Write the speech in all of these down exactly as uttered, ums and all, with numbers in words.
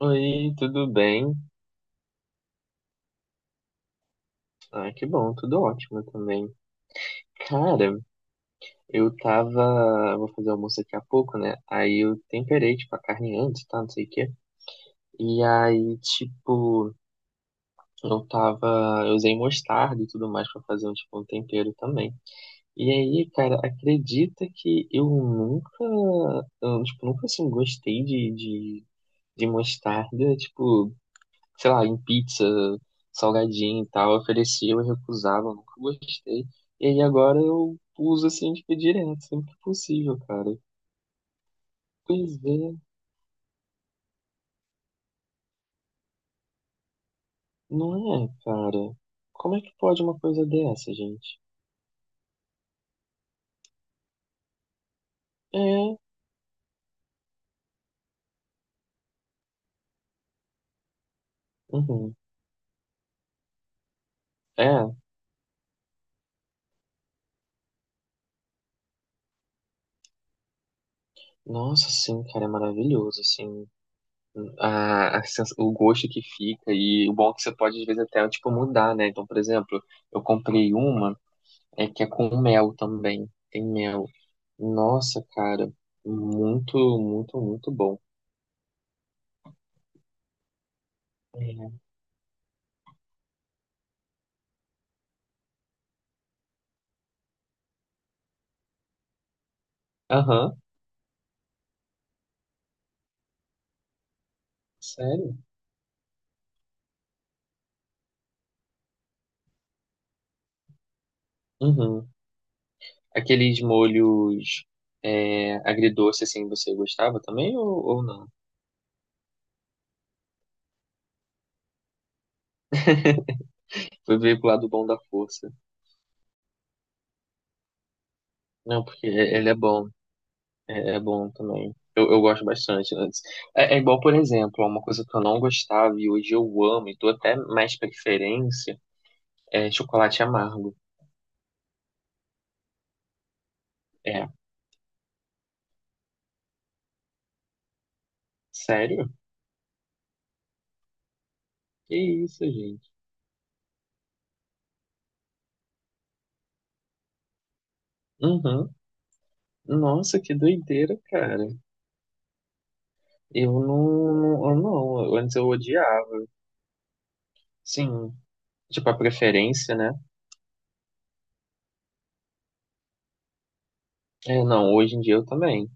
Oi, tudo bem? Ah, que bom, tudo ótimo também. Cara, eu tava. Eu Vou fazer almoço daqui a pouco, né? Aí eu temperei, tipo, a carne antes, tá? Não sei o quê. E aí, tipo, eu tava. Eu usei mostarda e tudo mais pra fazer um, tipo, um tempero também. E aí, cara, acredita que eu nunca. Eu, tipo, nunca assim gostei de, de, de mostarda, tipo. Sei lá, em pizza, salgadinho e tal, ofereciam e recusavam, nunca gostei. E aí agora eu uso assim, tipo, direto, sempre que possível, cara. Pois é, não é, cara. Como é que pode uma coisa dessa, gente? É, uhum. É, nossa, sim, cara, é maravilhoso, assim. A, a sens- o gosto que fica, e o bom é que você pode, às vezes, até, tipo, mudar, né? Então, por exemplo, eu comprei uma é, que é com mel também. Tem mel. Nossa, cara, muito, muito, muito bom. É. Aham, sério? Uhum. Aqueles molhos é, agridoce, assim, você gostava também ou, ou não? Foi ver pro lado bom da força. Não, porque é- ele é bom, é, é bom também. Eu, eu gosto bastante, né? É, é igual, por exemplo, uma coisa que eu não gostava e hoje eu amo e dou até mais preferência é chocolate amargo. É, sério? Que isso, gente? Uhum. Nossa, que doideira, cara. Eu não, não, eu não, antes eu odiava. Sim, tipo a preferência, né? É, não, hoje em dia eu também.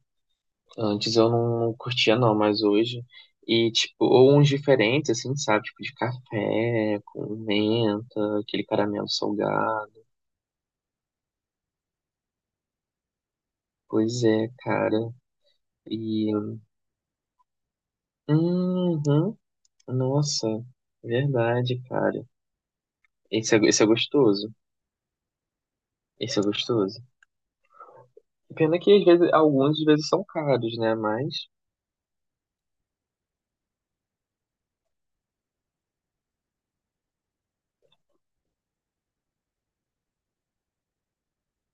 Antes eu não, não curtia não, mas hoje e tipo, ou uns diferentes assim, sabe, tipo de café com menta, aquele caramelo salgado. Pois é, cara. E uhum, nossa, verdade, cara. Esse é, esse é gostoso. Esse é gostoso. Pena que às vezes alguns às vezes são caros, né? Mas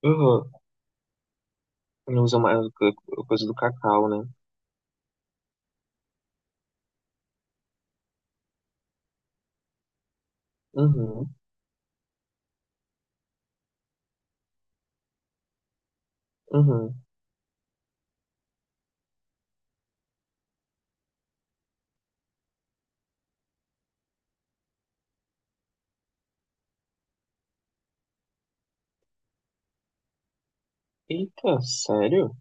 uhum. Não usa mais a co- coisa do cacau, né? Uhum, uhum. Eita, sério?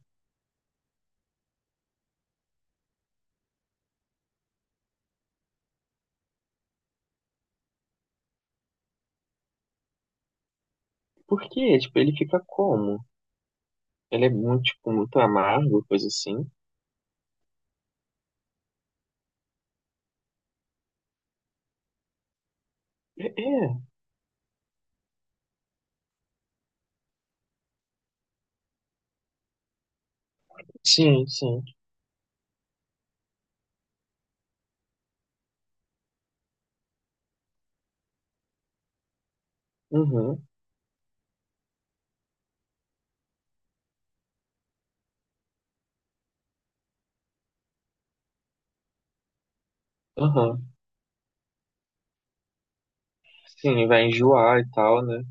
Por quê? Tipo, ele fica como? Ele é muito, tipo, muito amargo, coisa assim? É, é. Sim, sim. Uhum, uhum. Sim, vai enjoar e tal, né?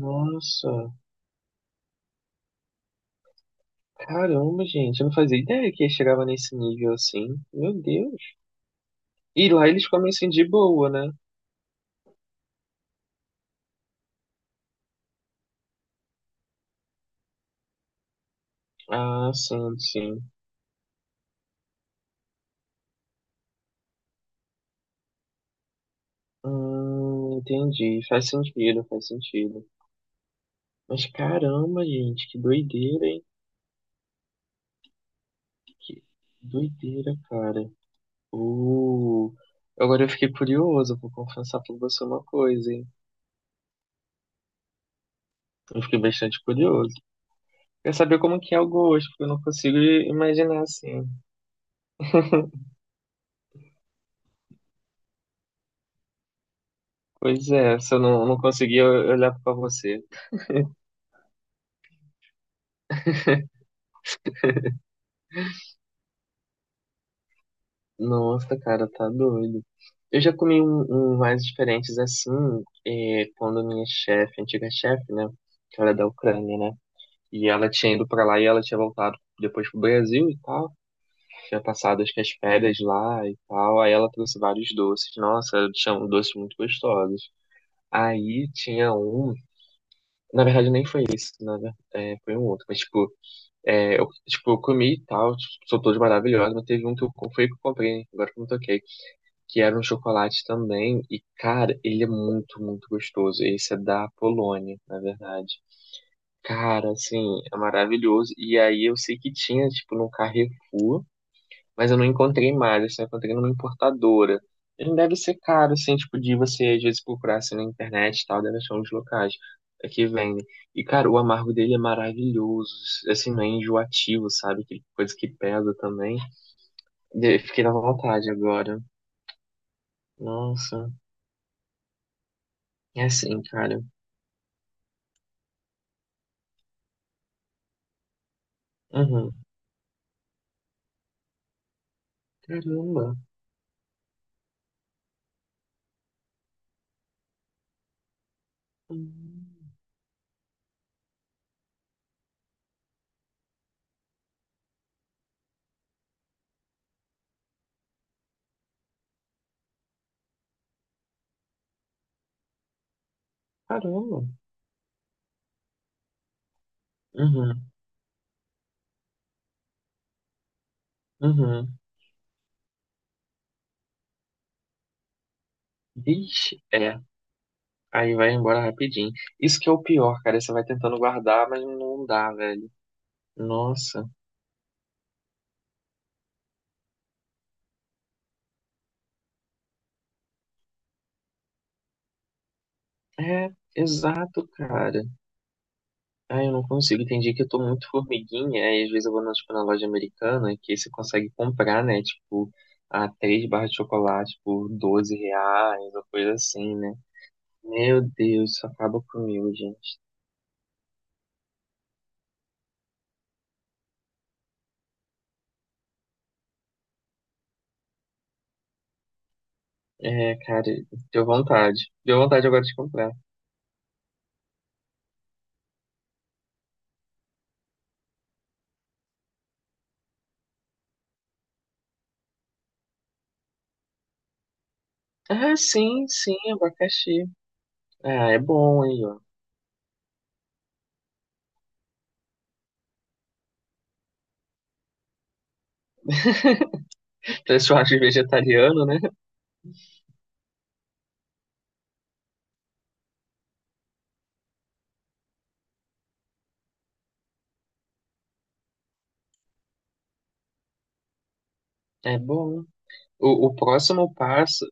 Nossa, caramba, gente, eu não fazia ideia que chegava nesse nível assim. Meu Deus. E lá eles comem assim de boa, né? Ah, sim, sim. Hum, entendi. Faz sentido, faz sentido. Mas caramba, gente, que doideira, hein? Que doideira, cara. Uh, Agora eu fiquei curioso, vou confessar pra você uma coisa, hein? Eu fiquei bastante curioso. Quer saber como que é o gosto, porque eu não consigo i- imaginar assim. Pois é, se eu não, não conseguir eu- eu pra você. Nossa, cara, tá doido. Eu já comi um, um mais diferentes assim, é, quando minha chefe, antiga chefe, né? Que ela é da Ucrânia, né? E ela tinha ido pra lá e ela tinha voltado depois pro Brasil e tal. Tinha passado acho que as férias lá e tal. Aí ela trouxe vários doces. Nossa, tinha doces muito gostosos. Aí tinha um. Na verdade, nem foi esse, na ver- é, foi um outro. Mas, tipo, é, eu, tipo, eu comi e tal, tipo, são todos maravilhosos, mas teve um que eu com- foi que eu comprei, né? Agora que eu me toquei, que era um chocolate também. E, cara, ele é muito, muito gostoso. Esse é da Polônia, na verdade. Cara, assim, é maravilhoso. E aí eu sei que tinha, tipo, no Carrefour. Mas eu não encontrei mais, eu só encontrei numa importadora. Ele deve ser caro, assim, tipo, de você às vezes procurar assim na internet e tal, deve achar uns locais é que vendem. E, cara, o amargo dele é maravilhoso, assim, não é enjoativo, sabe? Que coisa que pesa também. De- fiquei na vontade agora. Nossa, é assim, cara. Uhum. Caramba. Hum, Caramba. Uhum. Uhum. Vixe, é. Aí vai embora rapidinho. Isso que é o pior, cara. Você vai tentando guardar, mas não dá, velho. Nossa, é, exato, cara. Ah, eu não consigo. Tem dia que eu tô muito formiguinha, aí às vezes eu vou na, tipo, na loja americana, que você consegue comprar, né? Tipo, a três barras de chocolate por doze reais, ou coisa assim, né? Meu Deus, isso acaba comigo, gente. É, cara, deu vontade. Deu vontade agora de comprar. Ah, sim, sim, abacaxi. Ah, é bom aí, ó. Pra churrasco vegetariano, né? É bom. O, o próximo passo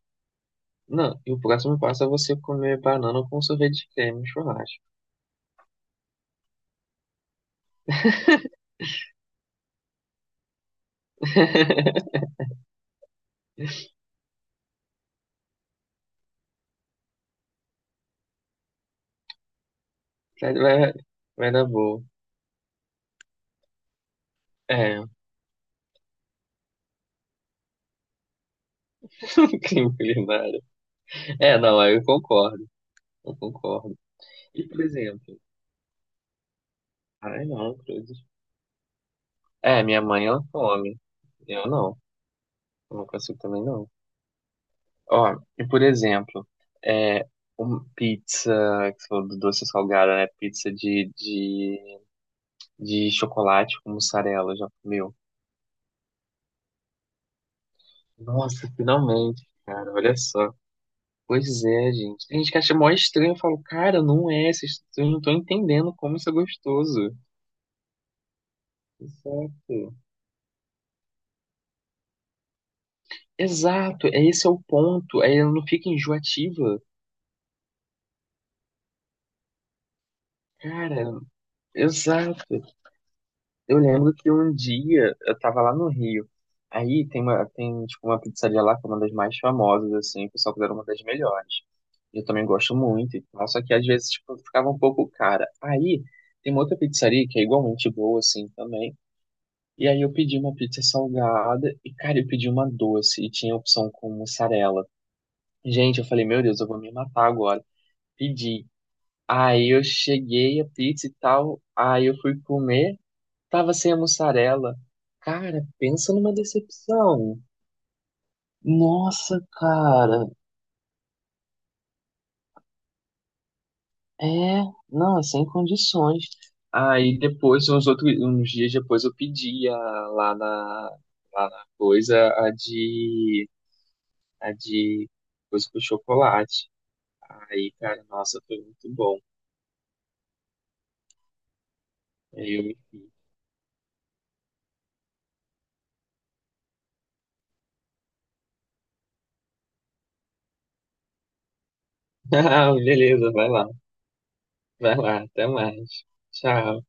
Não, e o próximo passo é você comer banana com sorvete de creme, no churrasco. Vai, vai, vai dar boa. É, crime culinário. É, não, aí eu concordo, eu concordo. E, por exemplo, ai não, cruzes. É, minha mãe, ela come. Eu não, eu não consigo também não. Ó, e por exemplo, é, um, pizza, que você falou do doce salgada, né? Pizza de, de, de chocolate com mussarela, já comeu? Nossa, finalmente, cara, olha só. Pois é, gente. Tem gente que acha mó estranho. Eu falo, cara, não é. Vocês vocês não estão entendendo como isso é gostoso. Exato. Exato. É, esse é o ponto. Aí ela não fica enjoativa. Cara, exato. Eu lembro que um dia eu tava lá no Rio. Aí tem uma, tem, tipo, uma pizzaria lá que é uma das mais famosas, assim. O pessoal considera uma das melhores. Eu também gosto muito e tal. Só que às vezes, tipo, ficava um pouco cara. Aí tem uma outra pizzaria que é igualmente boa, assim, também. E aí eu pedi uma pizza salgada e, cara, eu pedi uma doce e tinha opção com mussarela. Gente, eu falei, meu Deus, eu vou me matar agora. Pedi. Aí eu cheguei a pizza e tal, aí eu fui comer, tava sem a mussarela. Cara, pensa numa decepção. Nossa, cara, é, não, é sem condições. Aí depois, uns outros, uns dias depois, eu pedi a- lá na, lá na coisa, a de a de coisa com chocolate. Aí, cara, nossa, foi muito bom. Aí eu me fiz. Ah, beleza, vai lá. Vai lá, até mais. Tchau.